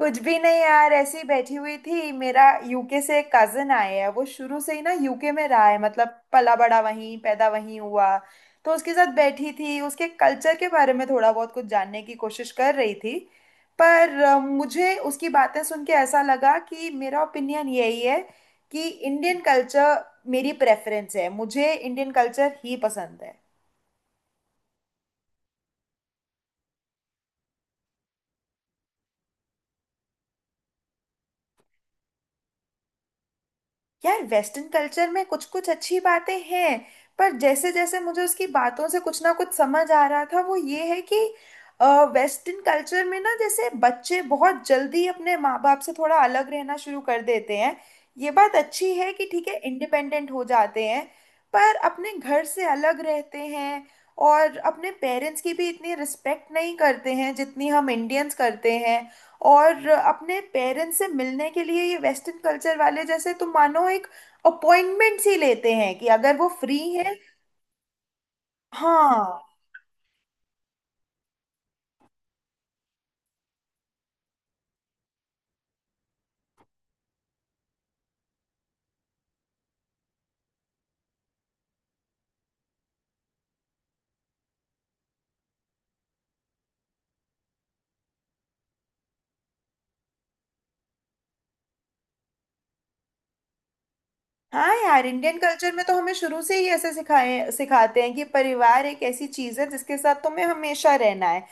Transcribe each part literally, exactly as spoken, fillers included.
कुछ भी नहीं यार। ऐसे ही बैठी हुई थी। मेरा यूके से एक कजन आए है। वो शुरू से ही ना यूके में रहा है, मतलब पला बड़ा वहीं, पैदा वहीं हुआ। तो उसके साथ बैठी थी, उसके कल्चर के बारे में थोड़ा बहुत कुछ जानने की कोशिश कर रही थी। पर अ, मुझे उसकी बातें सुन के ऐसा लगा कि मेरा ओपिनियन यही है कि इंडियन कल्चर मेरी प्रेफरेंस है, मुझे इंडियन कल्चर ही पसंद है। यार वेस्टर्न कल्चर में कुछ कुछ अच्छी बातें हैं, पर जैसे जैसे मुझे उसकी बातों से कुछ ना कुछ समझ आ रहा था वो ये है कि वेस्टर्न कल्चर में ना जैसे बच्चे बहुत जल्दी अपने माँ बाप से थोड़ा अलग रहना शुरू कर देते हैं। ये बात अच्छी है कि ठीक है, इंडिपेंडेंट हो जाते हैं, पर अपने घर से अलग रहते हैं और अपने पेरेंट्स की भी इतनी रिस्पेक्ट नहीं करते हैं जितनी हम इंडियंस करते हैं। और अपने पेरेंट्स से मिलने के लिए ये वेस्टर्न कल्चर वाले, जैसे तुम मानो, एक अपॉइंटमेंट ही लेते हैं कि अगर वो फ्री है। हाँ। हाँ यार, इंडियन कल्चर में तो हमें शुरू से ही ऐसे सिखाए सिखाते हैं कि परिवार एक ऐसी चीज है जिसके साथ तुम्हें हमेशा रहना है।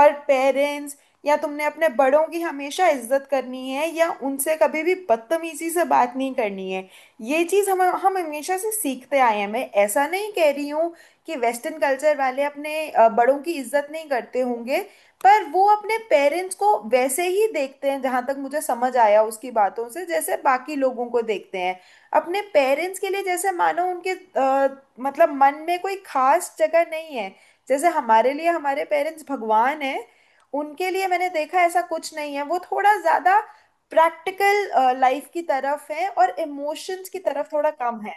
और पेरेंट्स या तुमने अपने बड़ों की हमेशा इज्जत करनी है, या उनसे कभी भी बदतमीजी से बात नहीं करनी है। ये चीज हम हम हमेशा से सीखते आए हैं। मैं ऐसा नहीं कह रही हूँ कि वेस्टर्न कल्चर वाले अपने अ, बड़ों की इज्जत नहीं करते होंगे, पर वो अपने पेरेंट्स को वैसे ही देखते हैं, जहां तक मुझे समझ आया उसकी बातों से, जैसे बाकी लोगों को देखते हैं। अपने पेरेंट्स के लिए जैसे मानो उनके अ, मतलब मन में कोई खास जगह नहीं है। जैसे हमारे लिए हमारे पेरेंट्स भगवान है, उनके लिए मैंने देखा ऐसा कुछ नहीं है। वो थोड़ा ज्यादा प्रैक्टिकल लाइफ की तरफ है और इमोशंस की तरफ थोड़ा कम है।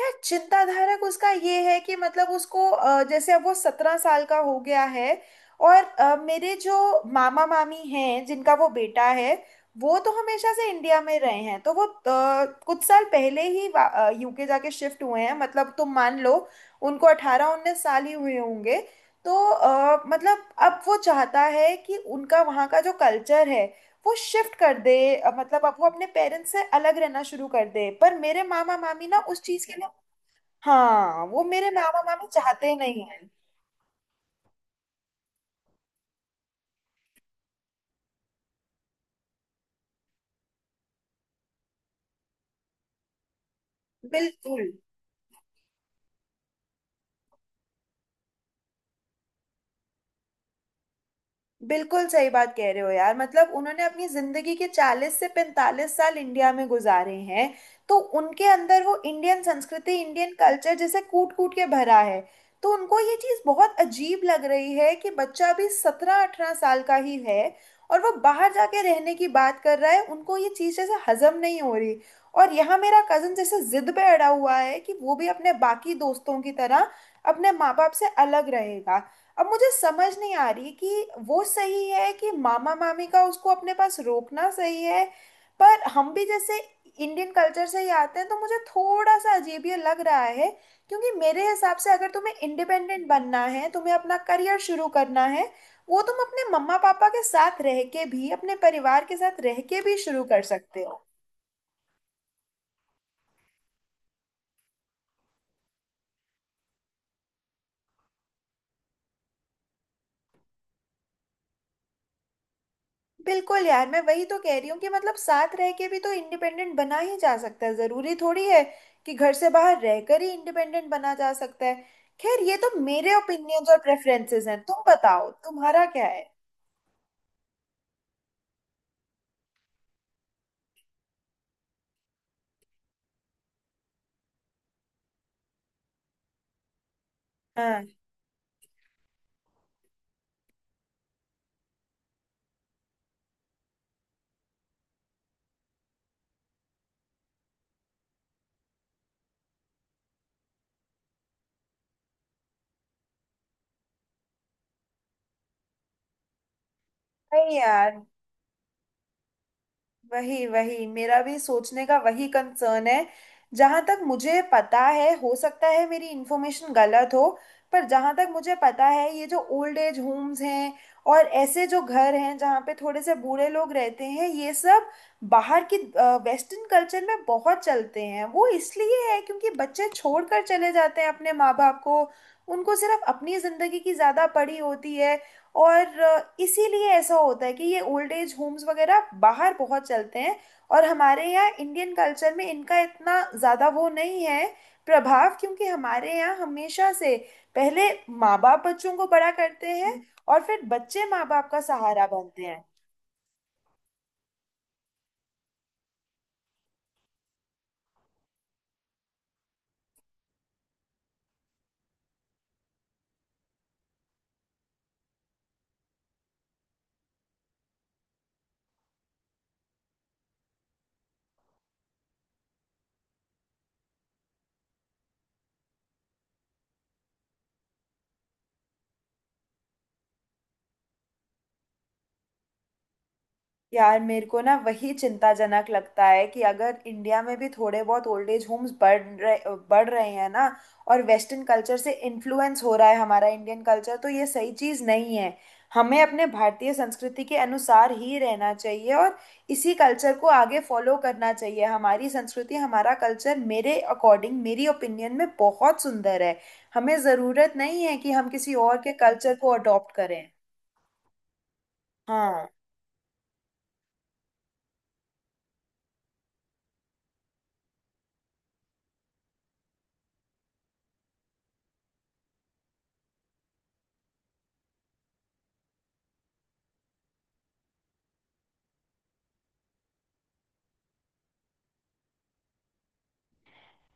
यार चिंताधारक उसका ये है कि मतलब उसको अ, जैसे अब वो सत्रह साल का हो गया है। और अ, मेरे जो मामा मामी हैं, जिनका वो बेटा है, वो तो हमेशा से इंडिया में रहे हैं। तो वो अ, कुछ साल पहले ही यूके जाके शिफ्ट हुए हैं। मतलब तुम मान लो, उनको अठारह उन्नीस साल ही हुए होंगे। तो अ, मतलब अब वो चाहता है कि उनका वहाँ का जो कल्चर है, वो शिफ्ट कर दे। अ, मतलब अब वो अपने पेरेंट्स से अलग रहना शुरू कर दे, पर मेरे मामा मामी ना उस चीज़ के लिए। हाँ, वो मेरे मामा मामी चाहते नहीं है। बिल्कुल, बिल्कुल सही बात कह रहे हो यार। मतलब उन्होंने अपनी जिंदगी के चालीस से पैंतालीस साल इंडिया में गुजारे हैं। तो उनके अंदर वो इंडियन संस्कृति, इंडियन कल्चर जैसे कूट कूट के भरा है। तो उनको ये चीज़ बहुत अजीब लग रही है कि बच्चा अभी सत्रह अठारह साल का ही है और वो बाहर जाके रहने की बात कर रहा है। उनको ये चीज़ जैसे हजम नहीं हो रही। और यहाँ मेरा कजन जैसे जिद पे अड़ा हुआ है कि वो भी अपने बाकी दोस्तों की तरह अपने माँ बाप से अलग रहेगा। अब मुझे समझ नहीं आ रही कि वो सही है कि मामा मामी का उसको अपने पास रोकना सही है। पर हम भी जैसे इंडियन कल्चर से ही आते हैं, तो मुझे थोड़ा सा अजीब ये लग रहा है। क्योंकि मेरे हिसाब से, अगर तुम्हें इंडिपेंडेंट बनना है, तुम्हें अपना करियर शुरू करना है, वो तुम अपने मम्मा पापा के साथ रह के भी, अपने परिवार के साथ रह के भी शुरू कर सकते हो। बिल्कुल यार, मैं वही तो कह रही हूँ कि मतलब साथ रह के भी तो इंडिपेंडेंट बना ही जा सकता है। जरूरी थोड़ी है कि घर से बाहर रहकर ही इंडिपेंडेंट बना जा सकता है। खैर ये तो मेरे ओपिनियंस और प्रेफरेंसेस हैं। तुम बताओ, तुम्हारा क्या है। हाँ। नहीं यार, वही वही मेरा भी सोचने का वही कंसर्न है। जहां तक मुझे पता है, हो सकता है मेरी इन्फॉर्मेशन गलत हो, पर जहां तक मुझे पता है, ये जो ओल्ड एज होम्स हैं और ऐसे जो घर हैं जहाँ पे थोड़े से बूढ़े लोग रहते हैं, ये सब बाहर की वेस्टर्न कल्चर में बहुत चलते हैं। वो इसलिए है क्योंकि बच्चे छोड़कर चले जाते हैं अपने माँ बाप को। उनको सिर्फ अपनी ज़िंदगी की ज़्यादा पड़ी होती है। और अ, इसीलिए ऐसा होता है कि ये ओल्ड एज होम्स वगैरह बाहर बहुत चलते हैं। और हमारे यहाँ इंडियन कल्चर में इनका इतना ज़्यादा वो नहीं है, प्रभाव, क्योंकि हमारे यहाँ हमेशा से पहले माँ बाप बच्चों को बड़ा करते हैं और फिर बच्चे माँ बाप का सहारा बनते हैं। यार मेरे को ना वही चिंताजनक लगता है कि अगर इंडिया में भी थोड़े बहुत ओल्ड एज होम्स बढ़ रहे बढ़ रहे हैं ना, और वेस्टर्न कल्चर से इन्फ्लुएंस हो रहा है हमारा इंडियन कल्चर, तो ये सही चीज़ नहीं है। हमें अपने भारतीय संस्कृति के अनुसार ही रहना चाहिए और इसी कल्चर को आगे फॉलो करना चाहिए। हमारी संस्कृति, हमारा कल्चर मेरे अकॉर्डिंग, मेरी ओपिनियन में बहुत सुंदर है। हमें ज़रूरत नहीं है कि हम किसी और के कल्चर को अडॉप्ट करें। हाँ।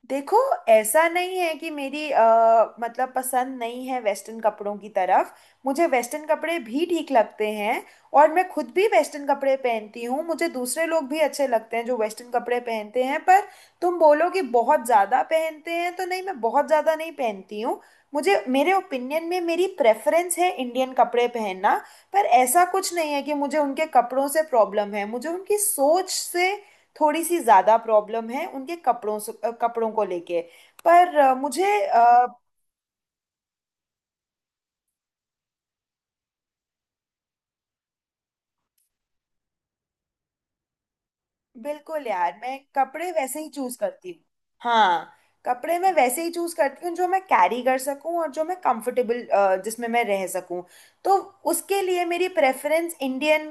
देखो, ऐसा नहीं है कि मेरी अ, मतलब पसंद नहीं है वेस्टर्न कपड़ों की तरफ। मुझे वेस्टर्न कपड़े भी ठीक लगते हैं और मैं खुद भी वेस्टर्न कपड़े पहनती हूँ। मुझे दूसरे लोग भी अच्छे लगते हैं जो वेस्टर्न कपड़े पहनते हैं, पर तुम बोलो कि बहुत ज़्यादा पहनते हैं तो नहीं, मैं बहुत ज़्यादा नहीं पहनती हूँ। मुझे, मेरे ओपिनियन में, मेरी प्रेफरेंस है इंडियन कपड़े पहनना। पर ऐसा कुछ नहीं है कि मुझे उनके कपड़ों से प्रॉब्लम है। मुझे उनकी सोच से थोड़ी सी ज़्यादा प्रॉब्लम है, उनके कपड़ों से अ, कपड़ों को लेके। पर अ, मुझे अ, बिल्कुल यार, मैं कपड़े वैसे ही चूज करती हूँ। हाँ। कपड़े मैं वैसे ही चूज करती हूँ जो मैं कैरी कर सकूँ और जो मैं कंफर्टेबल, जिसमें मैं रह सकूँ। तो उसके लिए मेरी प्रेफरेंस इंडियन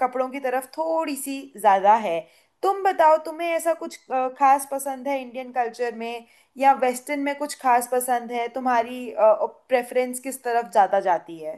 कपड़ों की तरफ थोड़ी सी ज़्यादा है। तुम बताओ, तुम्हें ऐसा कुछ अ, खास पसंद है इंडियन कल्चर में, या वेस्टर्न में कुछ खास पसंद है, तुम्हारी प्रेफरेंस किस तरफ ज़्यादा जाती है।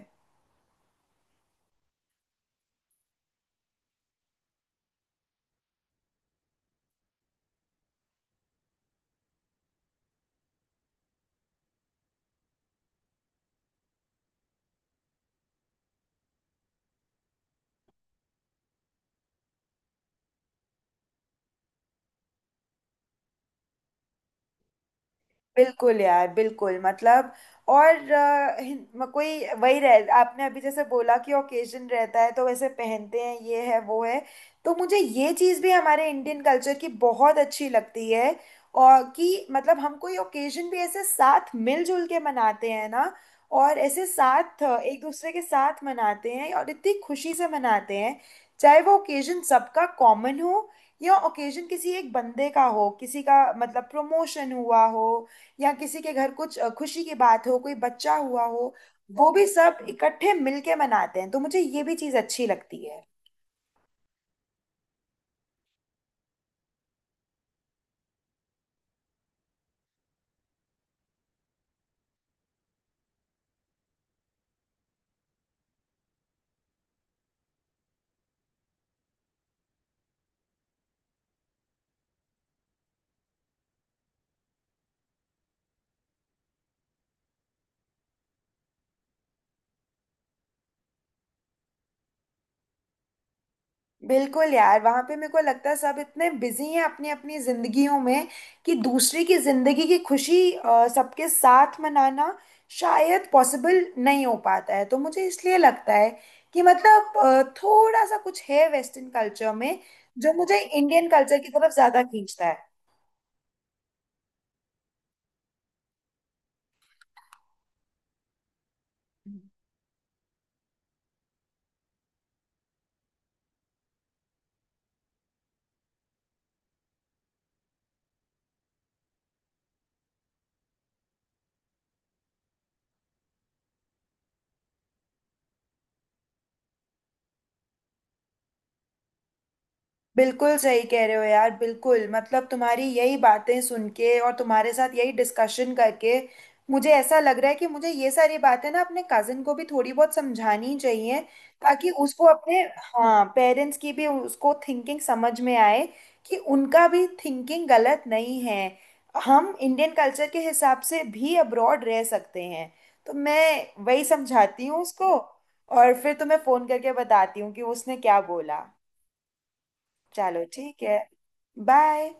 बिल्कुल यार, बिल्कुल मतलब। और अ, हिन- म- कोई वही रह, आपने अभी जैसे बोला कि ओकेजन रहता है, तो वैसे पहनते हैं, ये है वो है। तो मुझे ये चीज़ भी हमारे इंडियन कल्चर की बहुत अच्छी लगती है। और कि मतलब हम कोई ओकेजन भी ऐसे साथ मिलजुल के मनाते हैं ना, और ऐसे साथ अ, एक दूसरे के साथ मनाते हैं और इतनी खुशी से मनाते हैं। चाहे वो ओकेजन सबका कॉमन हो, या ओकेजन किसी एक बंदे का हो, किसी का मतलब प्रमोशन हुआ हो, या किसी के घर कुछ अ, खुशी की बात हो, कोई बच्चा हुआ हो, वो भी सब इकट्ठे मिलके मनाते हैं, तो मुझे ये भी चीज अच्छी लगती है। बिल्कुल यार, वहां पे मेरे को लगता है सब इतने बिजी हैं अपनी अपनी जिंदगियों में कि दूसरे की जिंदगी की खुशी अ, सबके साथ मनाना शायद पॉसिबल नहीं हो पाता है। तो मुझे इसलिए लगता है कि मतलब अ, थोड़ा सा कुछ है वेस्टर्न कल्चर में जो मुझे इंडियन कल्चर की तरफ ज्यादा खींचता है। बिल्कुल सही कह रहे हो यार, बिल्कुल मतलब तुम्हारी यही बातें सुन के और तुम्हारे साथ यही डिस्कशन करके मुझे ऐसा लग रहा है कि मुझे ये सारी बातें ना अपने कजिन को भी थोड़ी बहुत समझानी चाहिए, ताकि उसको अपने, हाँ, पेरेंट्स की भी उसको थिंकिंग समझ में आए कि उनका भी थिंकिंग गलत नहीं है। हम इंडियन कल्चर के हिसाब से भी अब्रॉड रह सकते हैं, तो मैं वही समझाती हूँ उसको। और फिर तुम्हें फोन करके बताती हूँ कि उसने क्या बोला। चलो ठीक है। Bye।